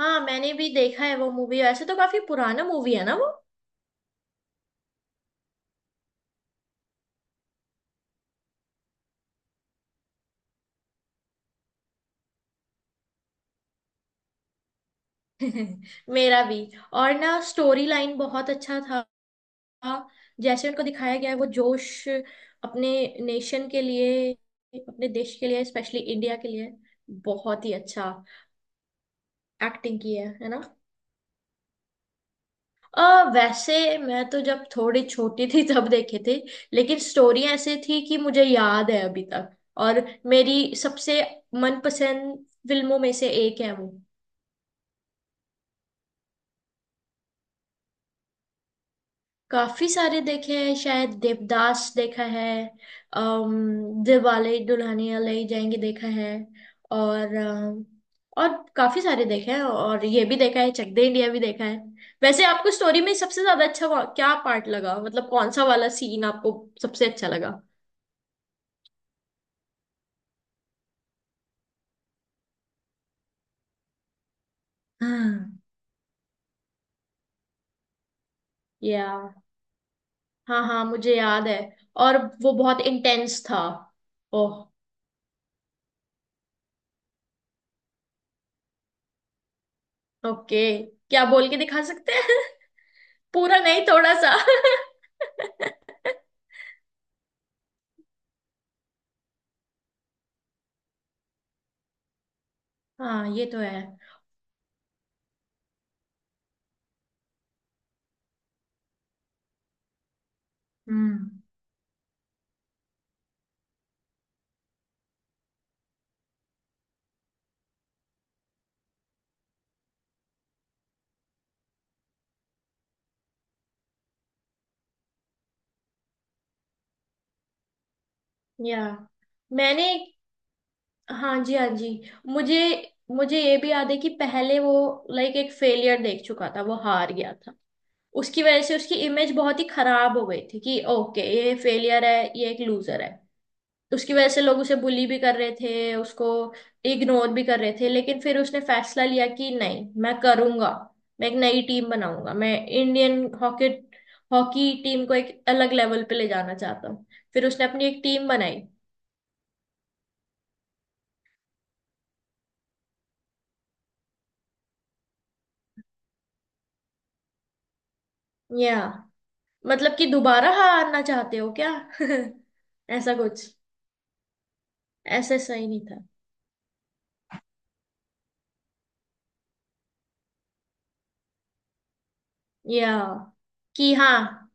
हाँ, मैंने भी देखा है वो मूवी। वैसे तो काफी पुराना मूवी है ना वो। मेरा भी। और ना स्टोरी लाइन बहुत अच्छा था। जैसे उनको दिखाया गया है वो जोश अपने नेशन के लिए, अपने देश के लिए, स्पेशली इंडिया के लिए बहुत ही अच्छा एक्टिंग की है ना। वैसे मैं तो जब थोड़ी छोटी थी तब देखे थे। लेकिन स्टोरी ऐसे थी कि मुझे याद है अभी तक। और मेरी सबसे मनपसंद फिल्मों में से एक है वो। काफी सारे देखे हैं, शायद देवदास देखा है, अम दिलवाले दुल्हनिया ले जाएंगे देखा है, और और काफी सारे देखे हैं, और ये भी देखा है, चक दे इंडिया भी देखा है। वैसे आपको स्टोरी में सबसे ज्यादा अच्छा क्या पार्ट लगा, मतलब कौन सा वाला सीन आपको सबसे अच्छा लगा? हाँ। या। हाँ हाँ, मुझे याद है। और वो बहुत इंटेंस था। ओह। ओके, क्या बोल के दिखा सकते हैं? पूरा नहीं, थोड़ा सा। हाँ, ये तो है। हम्म। या। मैंने। हाँ जी, हाँ जी। मुझे मुझे ये भी याद है कि पहले वो लाइक एक फेलियर देख चुका था, वो हार गया था। उसकी वजह से उसकी इमेज बहुत ही खराब हो गई थी कि ओके ये फेलियर है, ये एक लूजर है। तो उसकी वजह से लोग उसे बुली भी कर रहे थे, उसको इग्नोर भी कर रहे थे। लेकिन फिर उसने फैसला लिया कि नहीं, मैं करूंगा। मैं एक नई टीम बनाऊंगा, मैं इंडियन हॉकी हॉकी टीम को एक अलग लेवल पे ले जाना चाहता हूँ। फिर उसने अपनी एक टीम बनाई। या। मतलब कि दोबारा हारना चाहते हो क्या? ऐसा कुछ। ऐसे सही नहीं था। या। कि हाँ।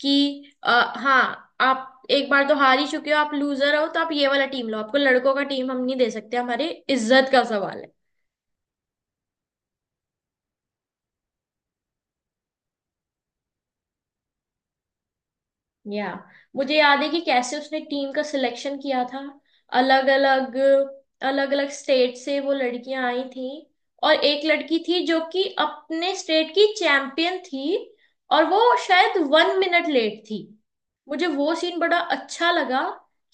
कि हाँ, आप एक बार तो हार ही चुके हो, आप लूजर हो, तो आप ये वाला टीम लो, आपको लड़कों का टीम हम नहीं दे सकते, हमारी इज्जत का सवाल है। या। मुझे याद है कि कैसे उसने टीम का सिलेक्शन किया था। अलग अलग अलग अलग स्टेट से वो लड़कियां आई थी। और एक लड़की थी जो कि अपने स्टेट की चैंपियन थी। और वो शायद 1 मिनट लेट थी। मुझे वो सीन बड़ा अच्छा लगा।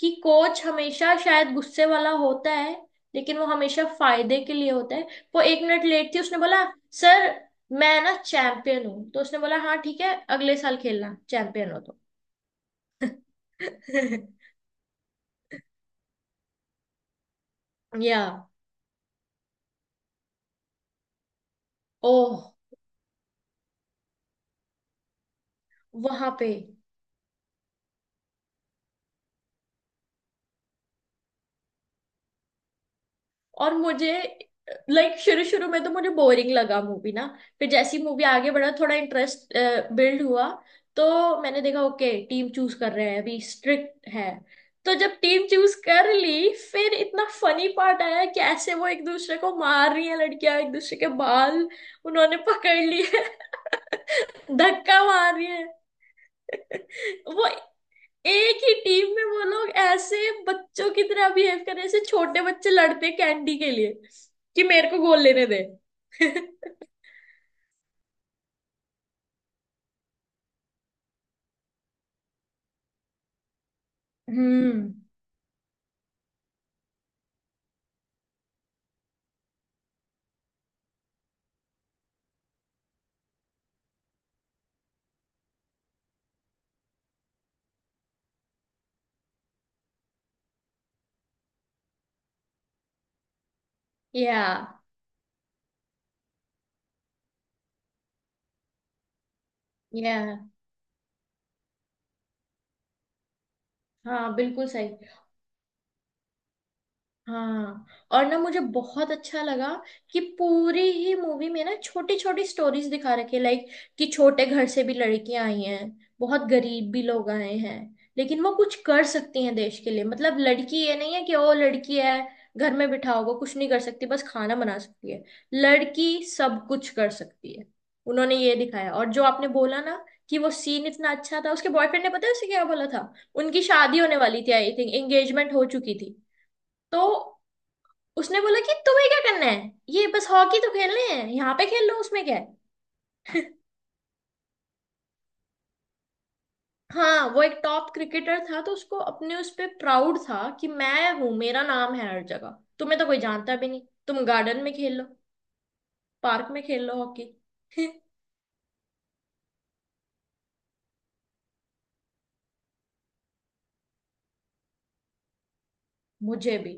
कि कोच हमेशा शायद गुस्से वाला होता है, लेकिन वो हमेशा फायदे के लिए होता है। वो 1 मिनट लेट थी, उसने बोला सर, मैं ना चैंपियन हूँ। तो उसने बोला हाँ ठीक है, अगले साल खेलना, चैंपियन हो तो। या। ओह। वहां पे। और मुझे लाइक शुरू शुरू में तो मुझे बोरिंग लगा मूवी ना। फिर जैसी मूवी आगे बढ़ा थोड़ा इंटरेस्ट बिल्ड हुआ। तो मैंने देखा ओके टीम चूज कर रहे हैं, अभी स्ट्रिक्ट है। तो जब टीम चूज कर ली, फिर इतना फनी पार्ट आया कि ऐसे वो एक दूसरे को मार रही है लड़कियां, एक दूसरे के बाल उन्होंने पकड़ लिए। धक्का मार रही है। वो एक ही टीम में वो लोग ऐसे बच्चों की तरह बिहेव कर रहे हैं, ऐसे छोटे बच्चे लड़ते हैं कैंडी के लिए, कि मेरे को गोल लेने दे। हम्म। या। या। हाँ, बिल्कुल सही। हाँ, और ना मुझे बहुत अच्छा लगा कि पूरी ही मूवी में ना छोटी छोटी स्टोरीज दिखा रखी है, लाइक कि छोटे घर से भी लड़कियां आई हैं, बहुत गरीब भी लोग आए हैं, लेकिन वो कुछ कर सकती हैं देश के लिए। मतलब लड़की ये नहीं है कि ओ लड़की है, घर में बिठा होगा, कुछ नहीं कर सकती, बस खाना बना सकती है। लड़की सब कुछ कर सकती है। उन्होंने ये दिखाया। और जो आपने बोला ना कि वो सीन इतना अच्छा था, उसके बॉयफ्रेंड ने पता है उसे क्या बोला था? उनकी शादी होने वाली थी, आई थिंक एंगेजमेंट हो चुकी थी। तो उसने बोला कि तुम्हें क्या करना है ये, बस हॉकी तो खेलने हैं, यहाँ पे खेल लो, उसमें क्या है। हाँ, वो एक टॉप क्रिकेटर था, तो उसको अपने उस पे प्राउड था कि मैं हूँ, मेरा नाम है हर जगह, तुम्हें तो कोई जानता भी नहीं। तुम गार्डन में खेल लो, पार्क में खेल लो हॉकी। मुझे भी।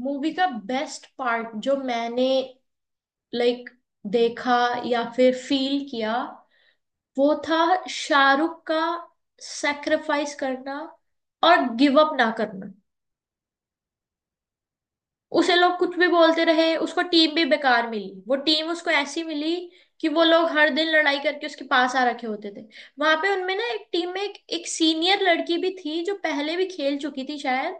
मूवी का बेस्ट पार्ट जो मैंने, लाइक, देखा या फिर फील किया, वो था शाहरुख का सेक्रीफाइस करना और गिव अप ना करना। उसे लोग कुछ भी बोलते रहे, उसको टीम भी बेकार मिली, वो टीम उसको ऐसी मिली कि वो लोग हर दिन लड़ाई करके उसके पास आ रखे होते थे। वहां पे उनमें ना एक टीम में एक सीनियर लड़की भी थी जो पहले भी खेल चुकी थी शायद।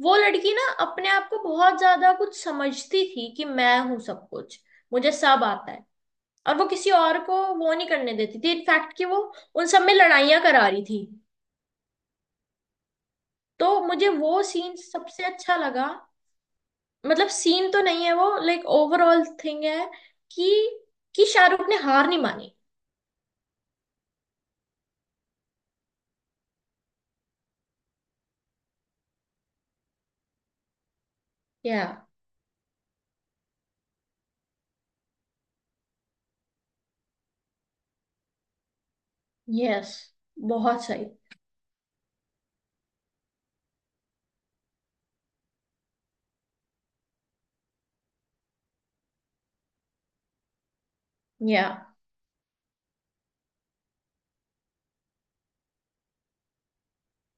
वो लड़की ना अपने आप को बहुत ज्यादा कुछ समझती थी कि मैं हूं सब कुछ, मुझे सब आता है। और वो किसी और को वो नहीं करने देती थी, इनफैक्ट कि वो उन सब में लड़ाइयां करा रही थी। तो मुझे वो सीन सबसे अच्छा लगा। मतलब सीन तो नहीं है वो, लाइक ओवरऑल थिंग है कि कि शाहरुख ने हार नहीं मानी। या। यस, बहुत सही। या।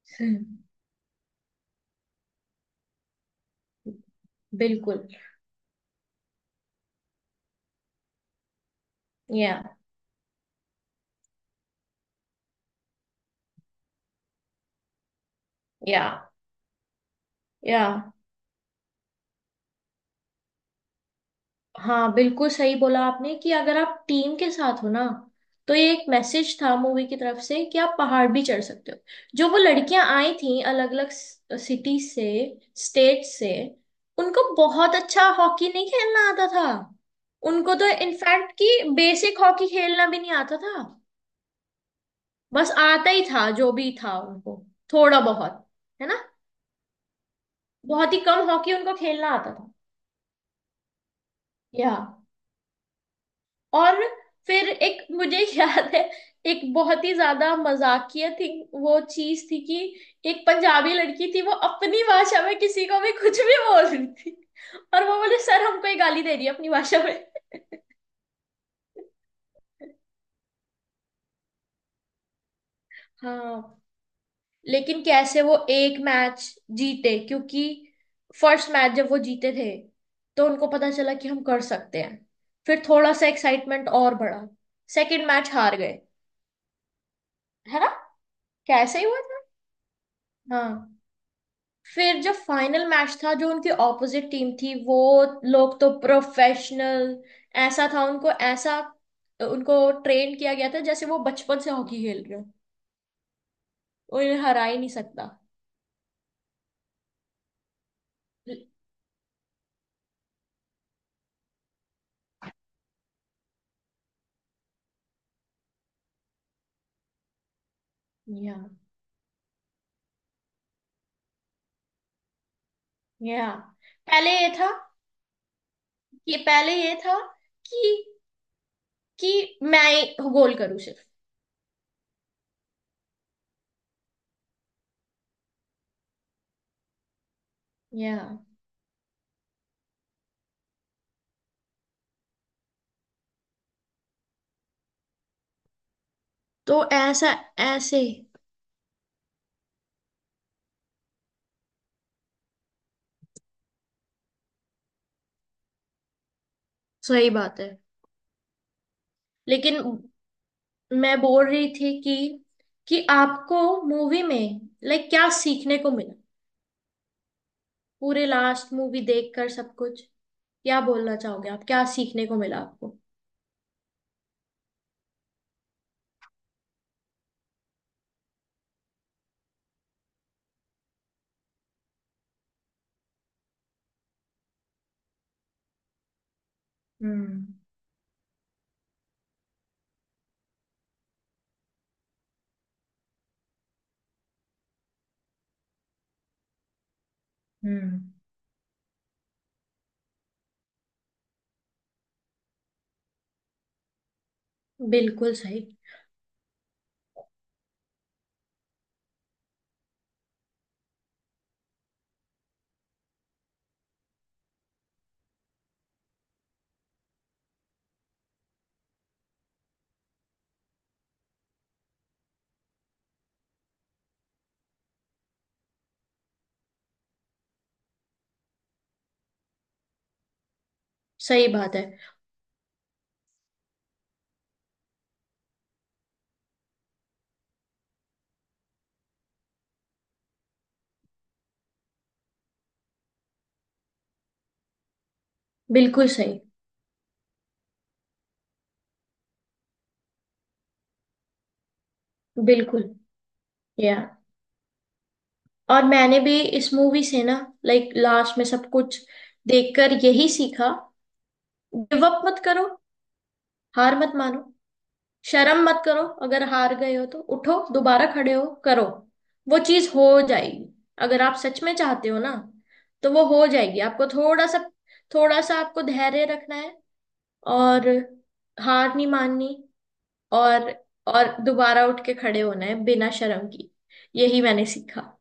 बिल्कुल। या। या। या। हाँ, बिल्कुल सही बोला आपने कि अगर आप टीम के साथ हो ना, तो ये एक मैसेज था मूवी की तरफ से कि आप पहाड़ भी चढ़ सकते हो। जो वो लड़कियां आई थी अलग अलग सिटी से, स्टेट से, उनको बहुत अच्छा हॉकी नहीं खेलना आता था, उनको तो इनफैक्ट कि बेसिक हॉकी खेलना भी नहीं आता था। बस आता ही था जो भी था उनको, थोड़ा बहुत, है ना। बहुत ही कम हॉकी उनको खेलना आता था। या। और फिर एक मुझे याद है, एक बहुत ही ज्यादा मजाकिया थी। वो चीज थी कि एक पंजाबी लड़की थी, वो अपनी भाषा में किसी को भी कुछ भी बोल रही थी, और वो बोले सर हमको ये गाली दे रही है अपनी भाषा में। हाँ, लेकिन कैसे वो एक मैच जीते, क्योंकि फर्स्ट मैच जब वो जीते थे, तो उनको पता चला कि हम कर सकते हैं। फिर थोड़ा सा एक्साइटमेंट और बढ़ा। सेकंड मैच हार गए, है ना। कैसे ही हुआ था। हाँ। फिर जब फाइनल मैच था, जो उनकी ऑपोजिट टीम थी वो लोग तो प्रोफेशनल ऐसा था उनको, ऐसा उनको ट्रेन किया गया था जैसे वो बचपन से हॉकी खेल रहे हो, उन्हें हरा ही नहीं सकता। या। या। पहले ये था पहले ये था कि कि मैं गोल करूं सिर्फ। या। तो ऐसा ऐसे सही बात है। लेकिन मैं बोल रही थी कि आपको मूवी में, लाइक, क्या सीखने को मिला पूरे लास्ट मूवी देखकर सब कुछ, क्या बोलना चाहोगे आप, क्या सीखने को मिला आपको? हम्म। हम्म। बिल्कुल सही। सही बात है। बिल्कुल सही। बिल्कुल। या। और मैंने भी इस मूवी से ना, लाइक लास्ट में सब कुछ देखकर यही सीखा। गिव अप मत करो, हार मत मानो, शर्म मत करो, अगर हार गए हो तो उठो, दोबारा खड़े हो करो। वो चीज हो जाएगी, अगर आप सच में चाहते हो ना, तो वो हो जाएगी। आपको थोड़ा सा, थोड़ा सा आपको धैर्य रखना है और हार नहीं माननी, और और दोबारा उठ के खड़े होना है बिना शर्म की। यही मैंने सीखा।